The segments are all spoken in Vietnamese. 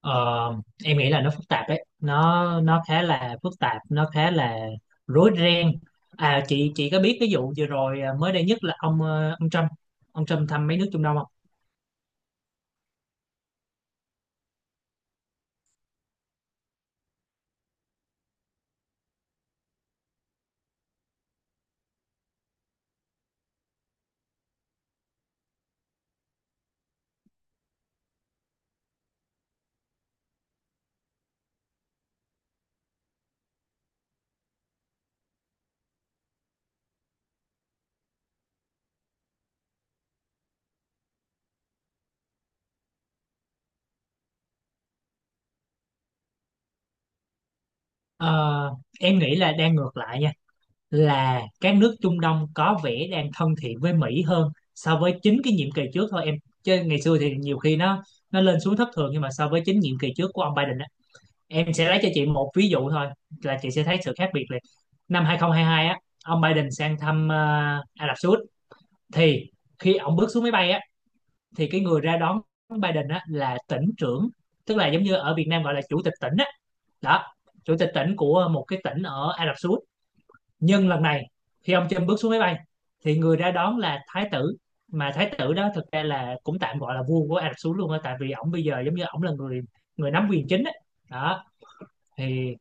Ờ, em nghĩ là nó phức tạp đấy, nó khá là phức tạp, nó khá là rối ren. À, chị có biết cái vụ vừa rồi, mới đây nhất là ông ông Trump, ông Trump thăm mấy nước Trung Đông không? Ờ, em nghĩ là đang ngược lại nha, là các nước Trung Đông có vẻ đang thân thiện với Mỹ hơn so với chính cái nhiệm kỳ trước thôi em, chứ ngày xưa thì nhiều khi nó lên xuống thất thường, nhưng mà so với chính nhiệm kỳ trước của ông Biden. Em sẽ lấy cho chị một ví dụ thôi là chị sẽ thấy sự khác biệt liền. Năm 2022 á, ông Biden sang thăm Ả Rập Xê Út, thì khi ông bước xuống máy bay á, thì cái người ra đón Biden á là tỉnh trưởng, tức là giống như ở Việt Nam gọi là chủ tịch tỉnh á. Đó, chủ tịch tỉnh của một cái tỉnh ở Ả Rập Xê Út. Nhưng lần này khi ông Trump bước xuống máy bay, thì người ra đón là thái tử, mà thái tử đó thực ra là cũng tạm gọi là vua của Ả Rập Xê Út luôn á, tại vì ổng bây giờ giống như ổng là người người nắm quyền chính á. Đó thì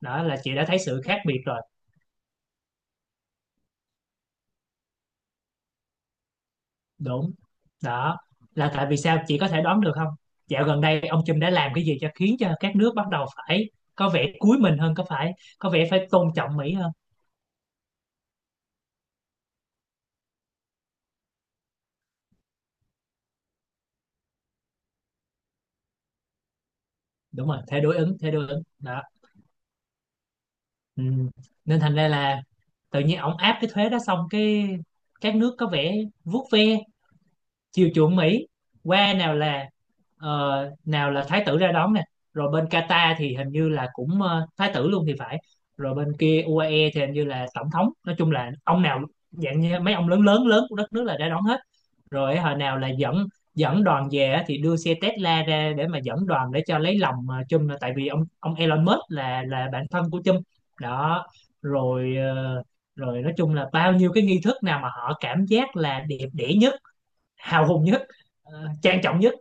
đó là chị đã thấy sự khác biệt rồi. Đúng, đó là tại vì sao chị có thể đoán được không? Dạo gần đây ông Trump đã làm cái gì cho khiến cho các nước bắt đầu phải có vẻ cúi mình hơn, có phải có vẻ phải tôn trọng Mỹ hơn? Đúng rồi, thế đối ứng, thế đối ứng đó. Ừ. Nên thành ra là tự nhiên ông áp cái thuế đó xong cái các nước có vẻ vuốt ve chiều chuộng Mỹ qua, nào là nào là thái tử ra đón nè, rồi bên Qatar thì hình như là cũng thái tử luôn thì phải, rồi bên kia UAE thì hình như là tổng thống, nói chung là ông nào dạng như mấy ông lớn lớn lớn của đất nước là ra đón hết. Rồi hồi nào là dẫn dẫn đoàn về á, thì đưa xe Tesla ra để mà dẫn đoàn, để cho lấy lòng Trump, tại vì ông Elon Musk là bạn thân của Trump. Đó, rồi rồi nói chung là bao nhiêu cái nghi thức nào mà họ cảm giác là đẹp đẽ nhất, hào hùng nhất, trang trọng nhất,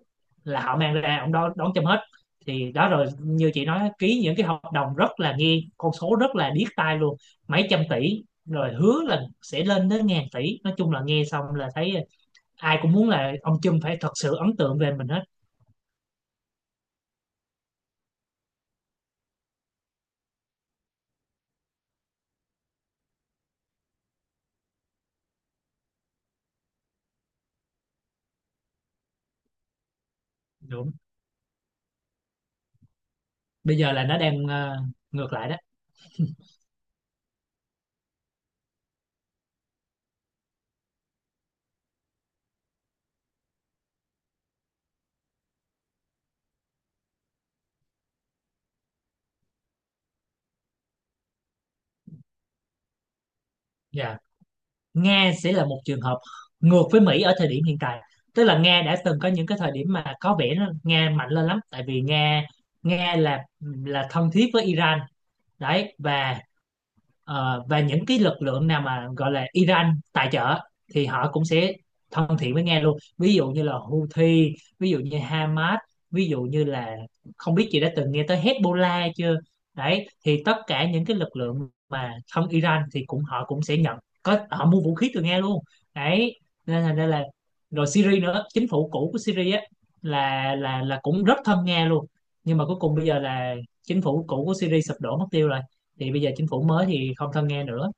là họ mang ra ông đó đón châm hết. Thì đó, rồi như chị nói, ký những cái hợp đồng rất là, nghe con số rất là điếc tai luôn, mấy trăm tỷ rồi hứa là sẽ lên đến ngàn tỷ, nói chung là nghe xong là thấy ai cũng muốn là ông Trump phải thật sự ấn tượng về mình hết. Đúng, bây giờ là nó đang ngược lại đó. Dạ, Nga sẽ là một trường hợp ngược với Mỹ ở thời điểm hiện tại, tức là Nga đã từng có những cái thời điểm mà có vẻ nó, Nga mạnh lên lắm, tại vì Nga Nga là thân thiết với Iran. Đấy, và ờ, và những cái lực lượng nào mà gọi là Iran tài trợ thì họ cũng sẽ thân thiện với Nga luôn, ví dụ như là Houthi, ví dụ như Hamas, ví dụ như là, không biết chị đã từng nghe tới Hezbollah chưa. Đấy, thì tất cả những cái lực lượng mà thân Iran thì cũng họ cũng sẽ nhận có, họ mua vũ khí từ Nga luôn. Đấy, nên là rồi Syria nữa, chính phủ cũ của Syria á, là cũng rất thân Nga luôn. Nhưng mà cuối cùng bây giờ là chính phủ cũ của Syria sụp đổ mất tiêu rồi, thì bây giờ chính phủ mới thì không thân nghe nữa.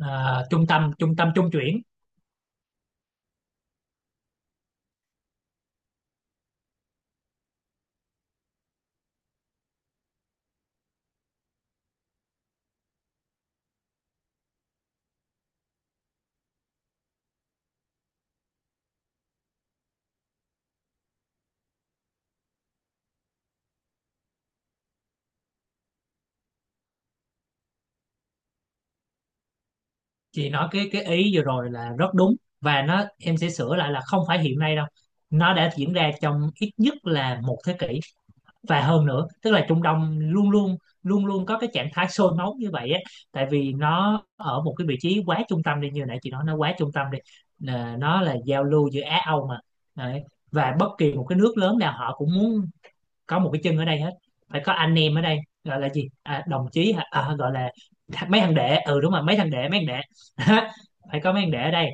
À, trung tâm, trung tâm trung chuyển. Chị nói cái ý vừa rồi là rất đúng, và nó em sẽ sửa lại là không phải hiện nay đâu, nó đã diễn ra trong ít nhất là một thế kỷ và hơn nữa, tức là Trung Đông luôn luôn, luôn luôn có cái trạng thái sôi máu như vậy á, tại vì nó ở một cái vị trí quá trung tâm đi, như nãy chị nói nó quá trung tâm đi. Là nó là giao lưu giữa Á Âu mà. Đấy, và bất kỳ một cái nước lớn nào họ cũng muốn có một cái chân ở đây hết, phải có anh em ở đây, gọi là gì à, đồng chí hả? À, gọi là mấy thằng đệ, ừ đúng rồi mấy thằng đệ, mấy thằng đệ phải có mấy thằng đệ ở đây.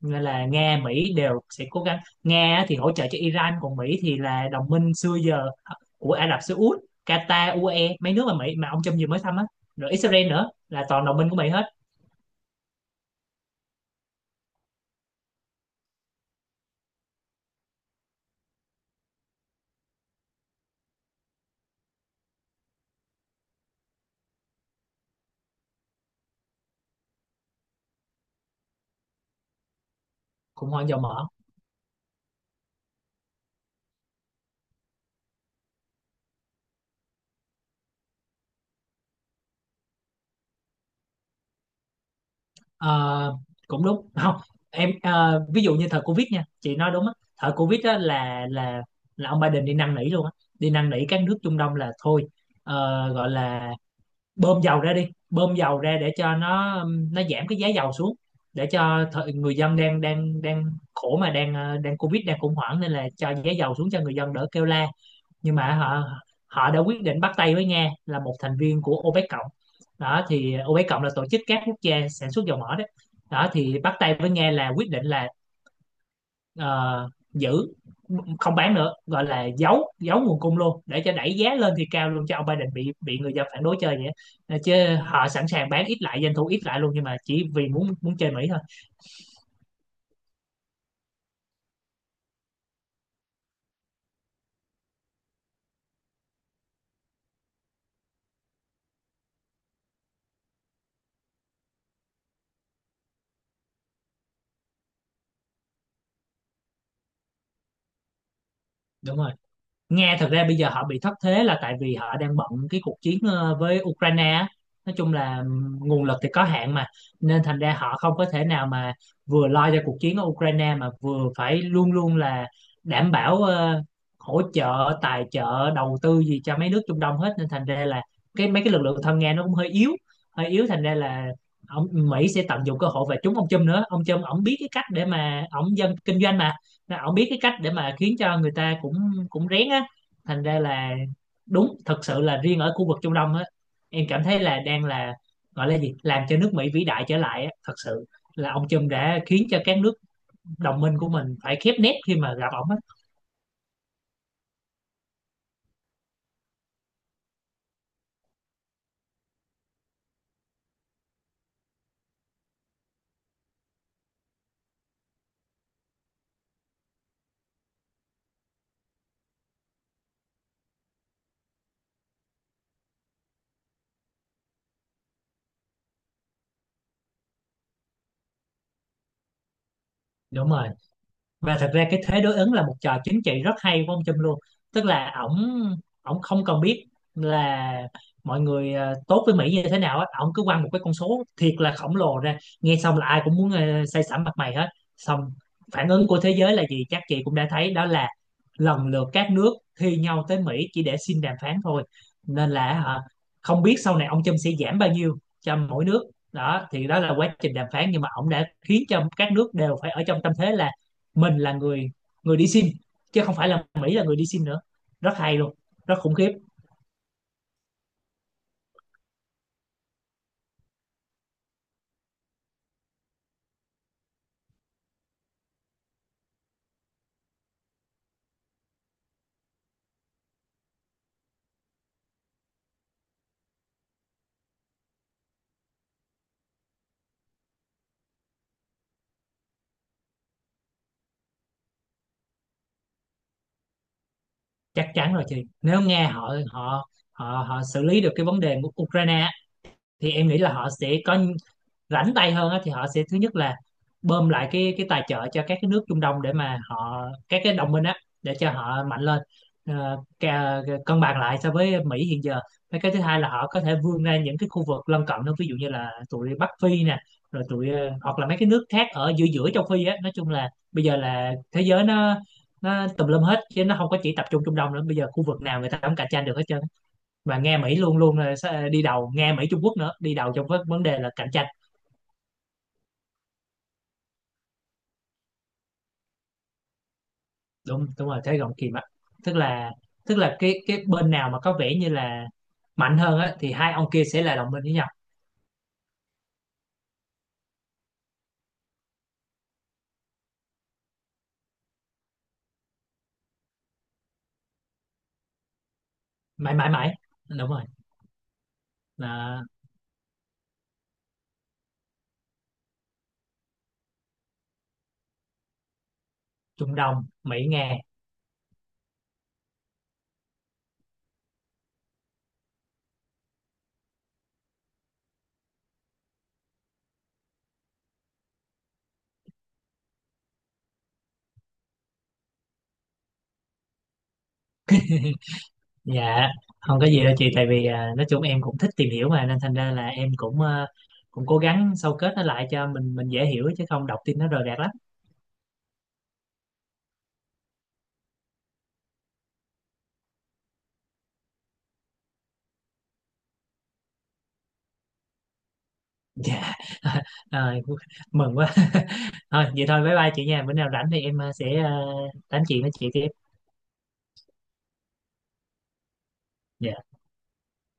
Nên là Nga Mỹ đều sẽ cố gắng, Nga thì hỗ trợ cho Iran, còn Mỹ thì là đồng minh xưa giờ à, của Ả Rập Xê Út, Qatar, UAE, mấy nước mà Mỹ mà ông Trump vừa mới thăm á, rồi Israel nữa, là toàn đồng minh của Mỹ hết. Khủng hoảng dầu mỡ. Ờ, cũng đúng không, em ví dụ như thời Covid nha, chị nói đúng á, thời Covid á là ông Biden đi năn nỉ luôn á, đi năn nỉ các nước Trung Đông là thôi, gọi là bơm dầu ra đi, bơm dầu ra để cho nó giảm cái giá dầu xuống, để cho thời, người dân đang đang đang khổ mà đang đang Covid, đang khủng hoảng, nên là cho giá dầu xuống cho người dân đỡ kêu la. Nhưng mà họ họ đã quyết định bắt tay với Nga là một thành viên của OPEC cộng. Đó thì OPEC cộng là tổ chức các quốc gia sản xuất dầu mỏ đó. Đó thì bắt tay với Nga là quyết định là ờ, giữ không bán nữa, gọi là giấu, giấu nguồn cung luôn, để cho đẩy giá lên thì cao luôn, cho ông Biden bị người dân phản đối chơi vậy á. Ờ, chứ họ sẵn sàng bán ít lại, doanh thu ít lại luôn, nhưng mà chỉ vì muốn muốn chơi Mỹ thôi. Đúng rồi, Nga thật ra bây giờ họ bị thất thế là tại vì họ đang bận cái cuộc chiến với Ukraine á. Nói chung là nguồn lực thì có hạn mà, nên thành ra họ không có thể nào mà vừa lo cho cuộc chiến ở Ukraine mà vừa phải luôn luôn là đảm bảo hỗ trợ tài trợ đầu tư gì cho mấy nước Trung Đông hết, nên thành ra là cái mấy cái lực lượng thân Nga nó cũng hơi yếu, hơi yếu thành ra là ông Mỹ sẽ tận dụng cơ hội, và trúng ông Trump nữa, ông Trump ổng biết cái cách để mà ổng, dân kinh doanh mà. Nên ổng biết cái cách để mà khiến cho người ta cũng cũng rén á, thành ra là đúng, thật sự là riêng ở khu vực Trung Đông á, em cảm thấy là đang là, gọi là gì, làm cho nước Mỹ vĩ đại trở lại á, thật sự là ông Trump đã khiến cho các nước đồng minh của mình phải khép nép khi mà gặp ổng á. Đúng rồi, và thật ra cái thế đối ứng là một trò chính trị rất hay của ông Trump luôn, tức là ổng, ổng không cần biết là mọi người tốt với Mỹ như thế nào á, ổng cứ quăng một cái con số thiệt là khổng lồ ra, nghe xong là ai cũng muốn say sẩm mặt mày hết. Xong phản ứng của thế giới là gì chắc chị cũng đã thấy đó, là lần lượt các nước thi nhau tới Mỹ chỉ để xin đàm phán thôi. Nên là hả, không biết sau này ông Trump sẽ giảm bao nhiêu cho mỗi nước, đó thì đó là quá trình đàm phán, nhưng mà ông đã khiến cho các nước đều phải ở trong tâm thế là mình là người người đi sim, chứ không phải là Mỹ là người đi sim nữa. Rất hay luôn, rất khủng khiếp. Chắc chắn rồi chị, nếu Nga họ họ họ họ xử lý được cái vấn đề của Ukraine á, thì em nghĩ là họ sẽ có rảnh tay hơn á, thì họ sẽ thứ nhất là bơm lại cái tài trợ cho các cái nước Trung Đông, để mà họ các cái đồng minh á, để cho họ mạnh lên. Ờ, cân bằng lại so với Mỹ hiện giờ. Và cái thứ hai là họ có thể vươn ra những cái khu vực lân cận đó, ví dụ như là tụi Bắc Phi nè, rồi tụi hoặc là mấy cái nước khác ở giữa giữa châu Phi á, nói chung là bây giờ là thế giới nó tùm lum hết, chứ nó không có chỉ tập trung Trung Đông nữa, bây giờ khu vực nào người ta cũng cạnh tranh được hết trơn. Và nghe Mỹ luôn luôn là sẽ đi đầu, nghe Mỹ Trung Quốc nữa đi đầu trong vấn vấn đề là cạnh tranh. Đúng, đúng rồi, thế gọng kìm ạ. Tức là tức là cái bên nào mà có vẻ như là mạnh hơn á thì hai ông kia sẽ là đồng minh với nhau. Mãi mãi mãi, đúng rồi, là Trung Đông Mỹ Nga. Dạ, không có gì đâu chị, tại vì à, nói chung em cũng thích tìm hiểu mà, nên thành ra là em cũng à, cũng cố gắng sâu kết nó lại cho mình dễ hiểu, chứ không đọc tin nó rời rạc lắm. Dạ. Rồi, mừng quá. Thôi vậy thôi, bye bye chị nha, bữa nào rảnh thì em à, sẽ à, tám chuyện với chị tiếp. Dạ.